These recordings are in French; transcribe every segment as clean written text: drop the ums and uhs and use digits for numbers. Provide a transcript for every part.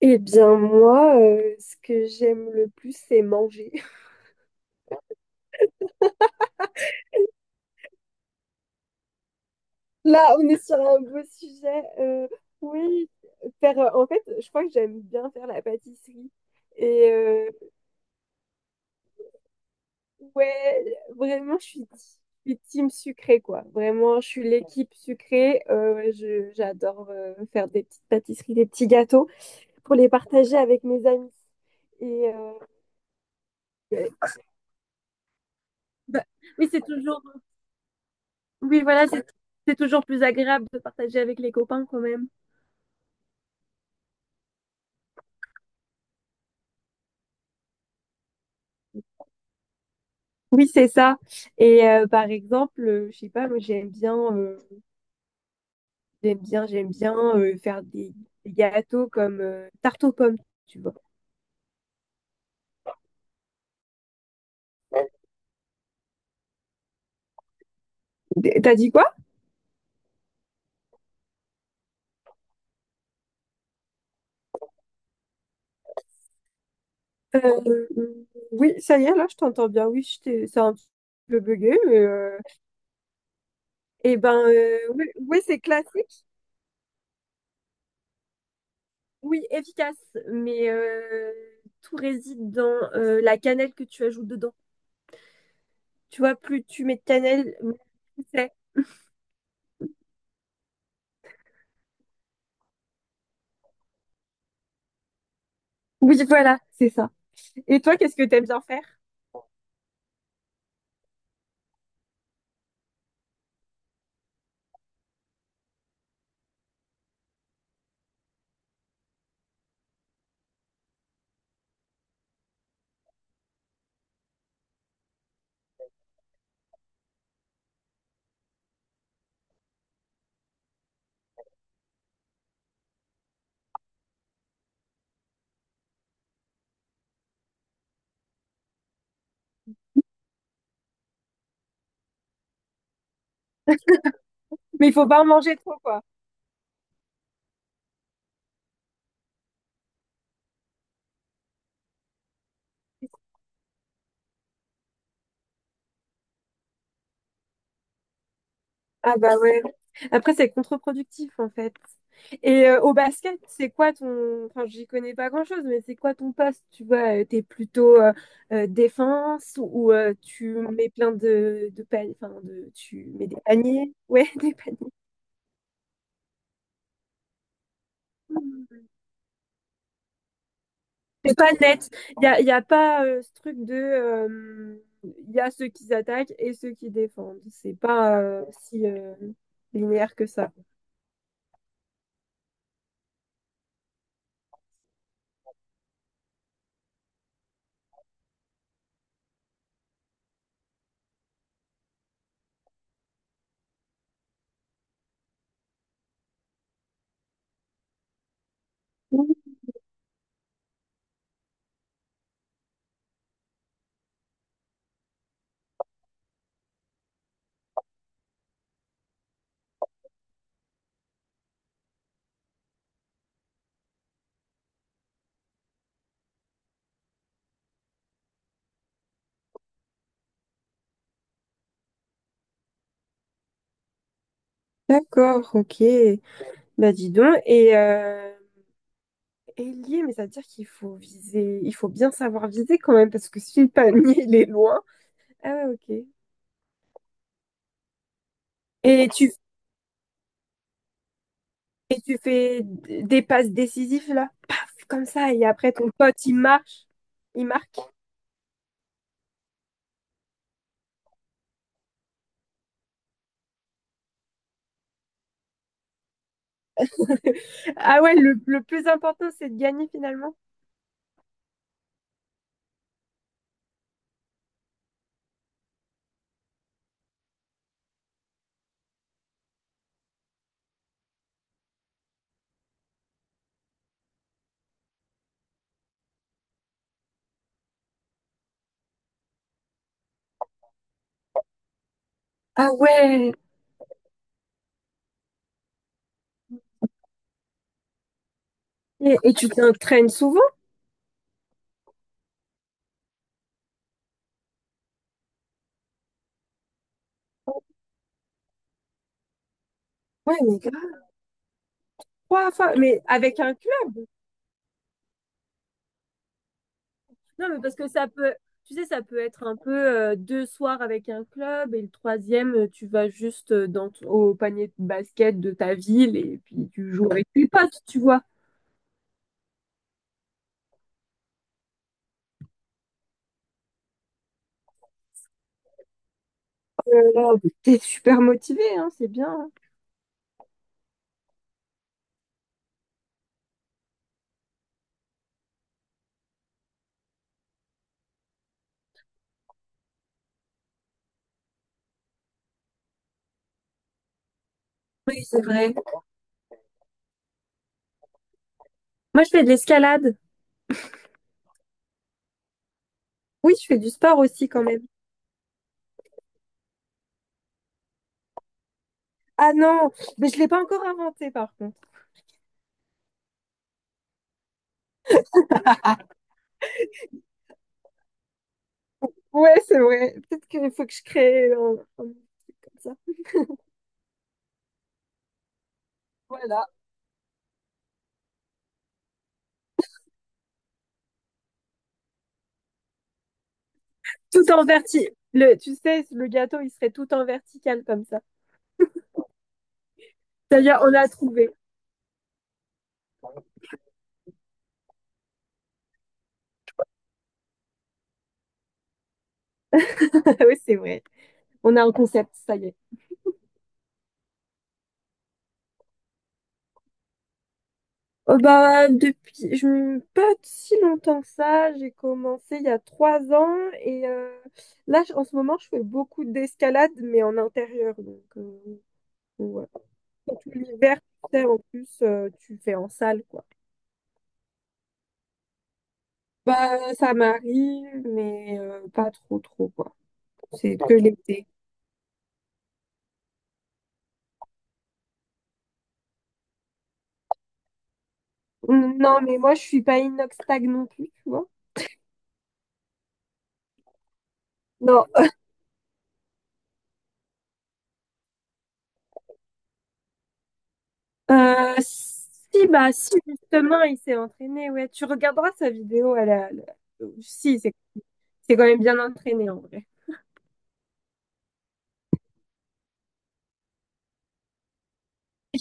Eh bien, moi, ce que j'aime le plus, c'est manger. Là, on est sur un beau sujet. Oui, en fait, je crois que j'aime bien faire la pâtisserie. Et euh, ouais, vraiment, je suis team sucrée, quoi. Vraiment, je suis l'équipe sucrée. Ouais, j'adore faire des petites pâtisseries, des petits gâteaux pour les partager avec mes amis. Et euh, ouais. Bah, mais c'est toujours, oui, voilà, c'est toujours plus agréable de partager avec les copains quand même. Oui, c'est ça. Et par exemple, je sais pas, moi j'aime bien faire des gâteaux comme tarte aux pommes, tu vois. T'as dit quoi? Euh, euh, oui, ça y est, là je t'entends bien. C'est un petit peu bugué, mais eh ben, oui, oui, c'est classique. Oui, efficace, mais tout réside dans la cannelle que tu ajoutes dedans. Tu vois, plus tu mets de cannelle, mieux c'est. Oui, voilà, c'est ça. Et toi, qu'est-ce que t'aimes bien faire? Mais il faut pas en manger trop, quoi. Ah bah ouais. Après, c'est contre-productif en fait. Au basket, c'est quoi ton... Enfin, j'y connais pas grand-chose, mais c'est quoi ton poste? Tu vois, t'es plutôt défense ou tu mets plein de paniers... Enfin, de... tu mets des paniers? Ouais, des paniers. C'est pas net. Y a pas ce truc de... Il y a ceux qui attaquent et ceux qui défendent. C'est pas si linéaire que ça. Mhm. D'accord, ok. Bah dis donc, ailier, mais ça veut dire qu'il faut viser, il faut bien savoir viser quand même, parce que si le panier il est loin. Ah ouais, ok. Et tu Et tu fais des passes décisives là, paf, comme ça, et après ton pote il marche, il marque. Ah ouais, le plus important c'est de gagner finalement. Ah ouais. Et tu t'entraînes souvent? Ouais, mais grave. Trois fois, mais avec un club. Non, mais parce que tu sais, ça peut être un peu deux soirs avec un club et le troisième, tu vas juste dans au panier de basket de ta ville et puis tu joues avec tes potes, tu vois. Euh, T'es super motivé, hein, c'est bien. Hein. Oui, c'est vrai. Moi, je fais de l'escalade. Oui, je fais du sport aussi quand même. Ah non, mais je l'ai pas encore inventé par contre. Ouais, c'est vrai. Peut-être qu'il faut que je crée un truc comme ça. Voilà. Tout en vertical. Le, tu sais, le gâteau, il serait tout en vertical comme ça. Ça y est, on a trouvé. oui, c'est vrai. On a un concept, ça y est. Oh bah, depuis, pas si longtemps que ça, j'ai commencé il y a trois ans et là, en ce moment, je fais beaucoup d'escalade, mais en intérieur. Donc, ouais. Quand tout l'hiver, tu sais, en plus, tu fais en salle, quoi. Bah, ça m'arrive, mais pas trop, quoi. C'est que l'été. Non, mais moi, je suis pas inox tag non plus, tu vois. Non, si, bah, si, justement, il s'est entraîné, ouais. Tu regarderas sa vidéo, elle a- Si, c'est quand même bien entraîné, en vrai.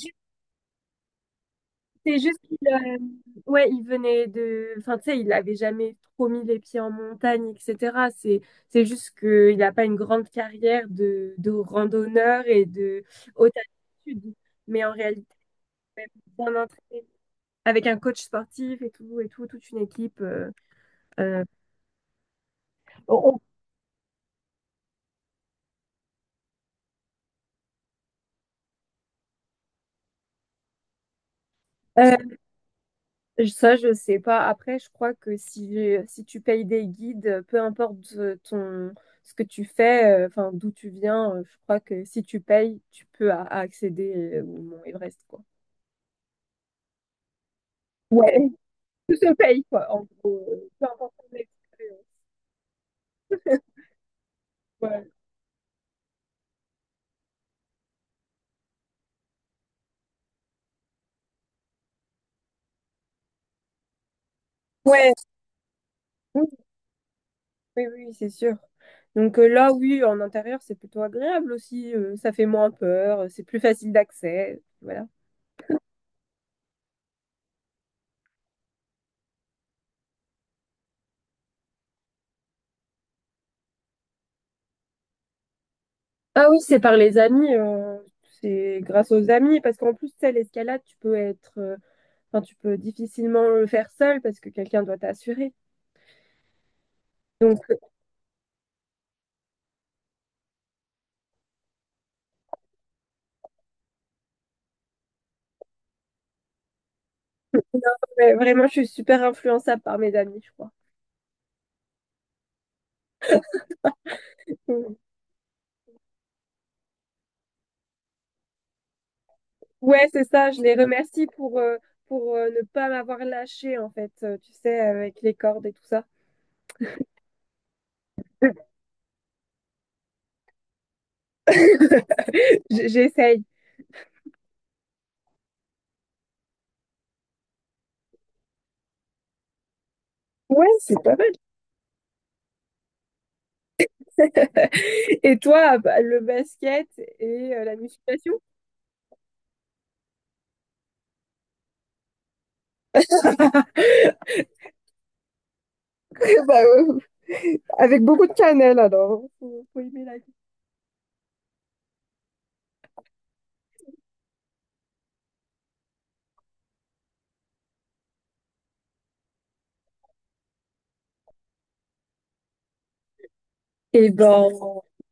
Ju- C'est juste qu'il ouais, il venait de... Enfin, tu sais, il n'avait jamais trop mis les pieds en montagne, etc. C'est juste qu'il n'a pas une grande carrière de randonneur et de haute altitude, mais en réalité, bien entraîné. Avec un coach sportif et tout, toute une équipe. Euh, on- on- Ça, je sais pas. Après, je crois que si tu payes des guides, peu importe ton, ce que tu fais, enfin, d'où tu viens, je crois que si tu payes, tu peux accéder au Mont Everest, quoi. Ouais, tout se paye, quoi, en gros, peu importe ton expérience. Ouais, Ouais. oui, oui, c'est sûr. Donc là, oui, en intérieur, c'est plutôt agréable aussi. Ça fait moins peur, c'est plus facile d'accès. Voilà. Ah oui, c'est par les amis, c'est grâce aux amis, parce qu'en plus, tu sais, l'escalade, tu peux enfin, tu peux difficilement le faire seul parce que quelqu'un doit t'assurer. Donc, ouais, vraiment, je suis super influençable par mes amis, je crois. Mm. Ouais, c'est ça, je les remercie pour ne pas m'avoir lâché, en fait, tu sais, avec les cordes et tout ça. J'essaye. Ouais, c'est pas mal. Et toi, bah, le basket et la musculation? Bah, avec beaucoup de cannelle alors. Faut aimer la Eh ben,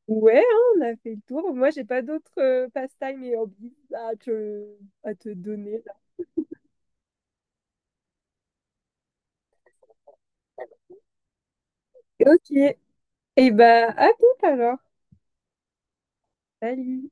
ouais, hein, on a fait le tour. Moi, j'ai pas d'autres pastimes et hobbies à à te donner. Là. Ok. Eh ben, à tout alors. Salut.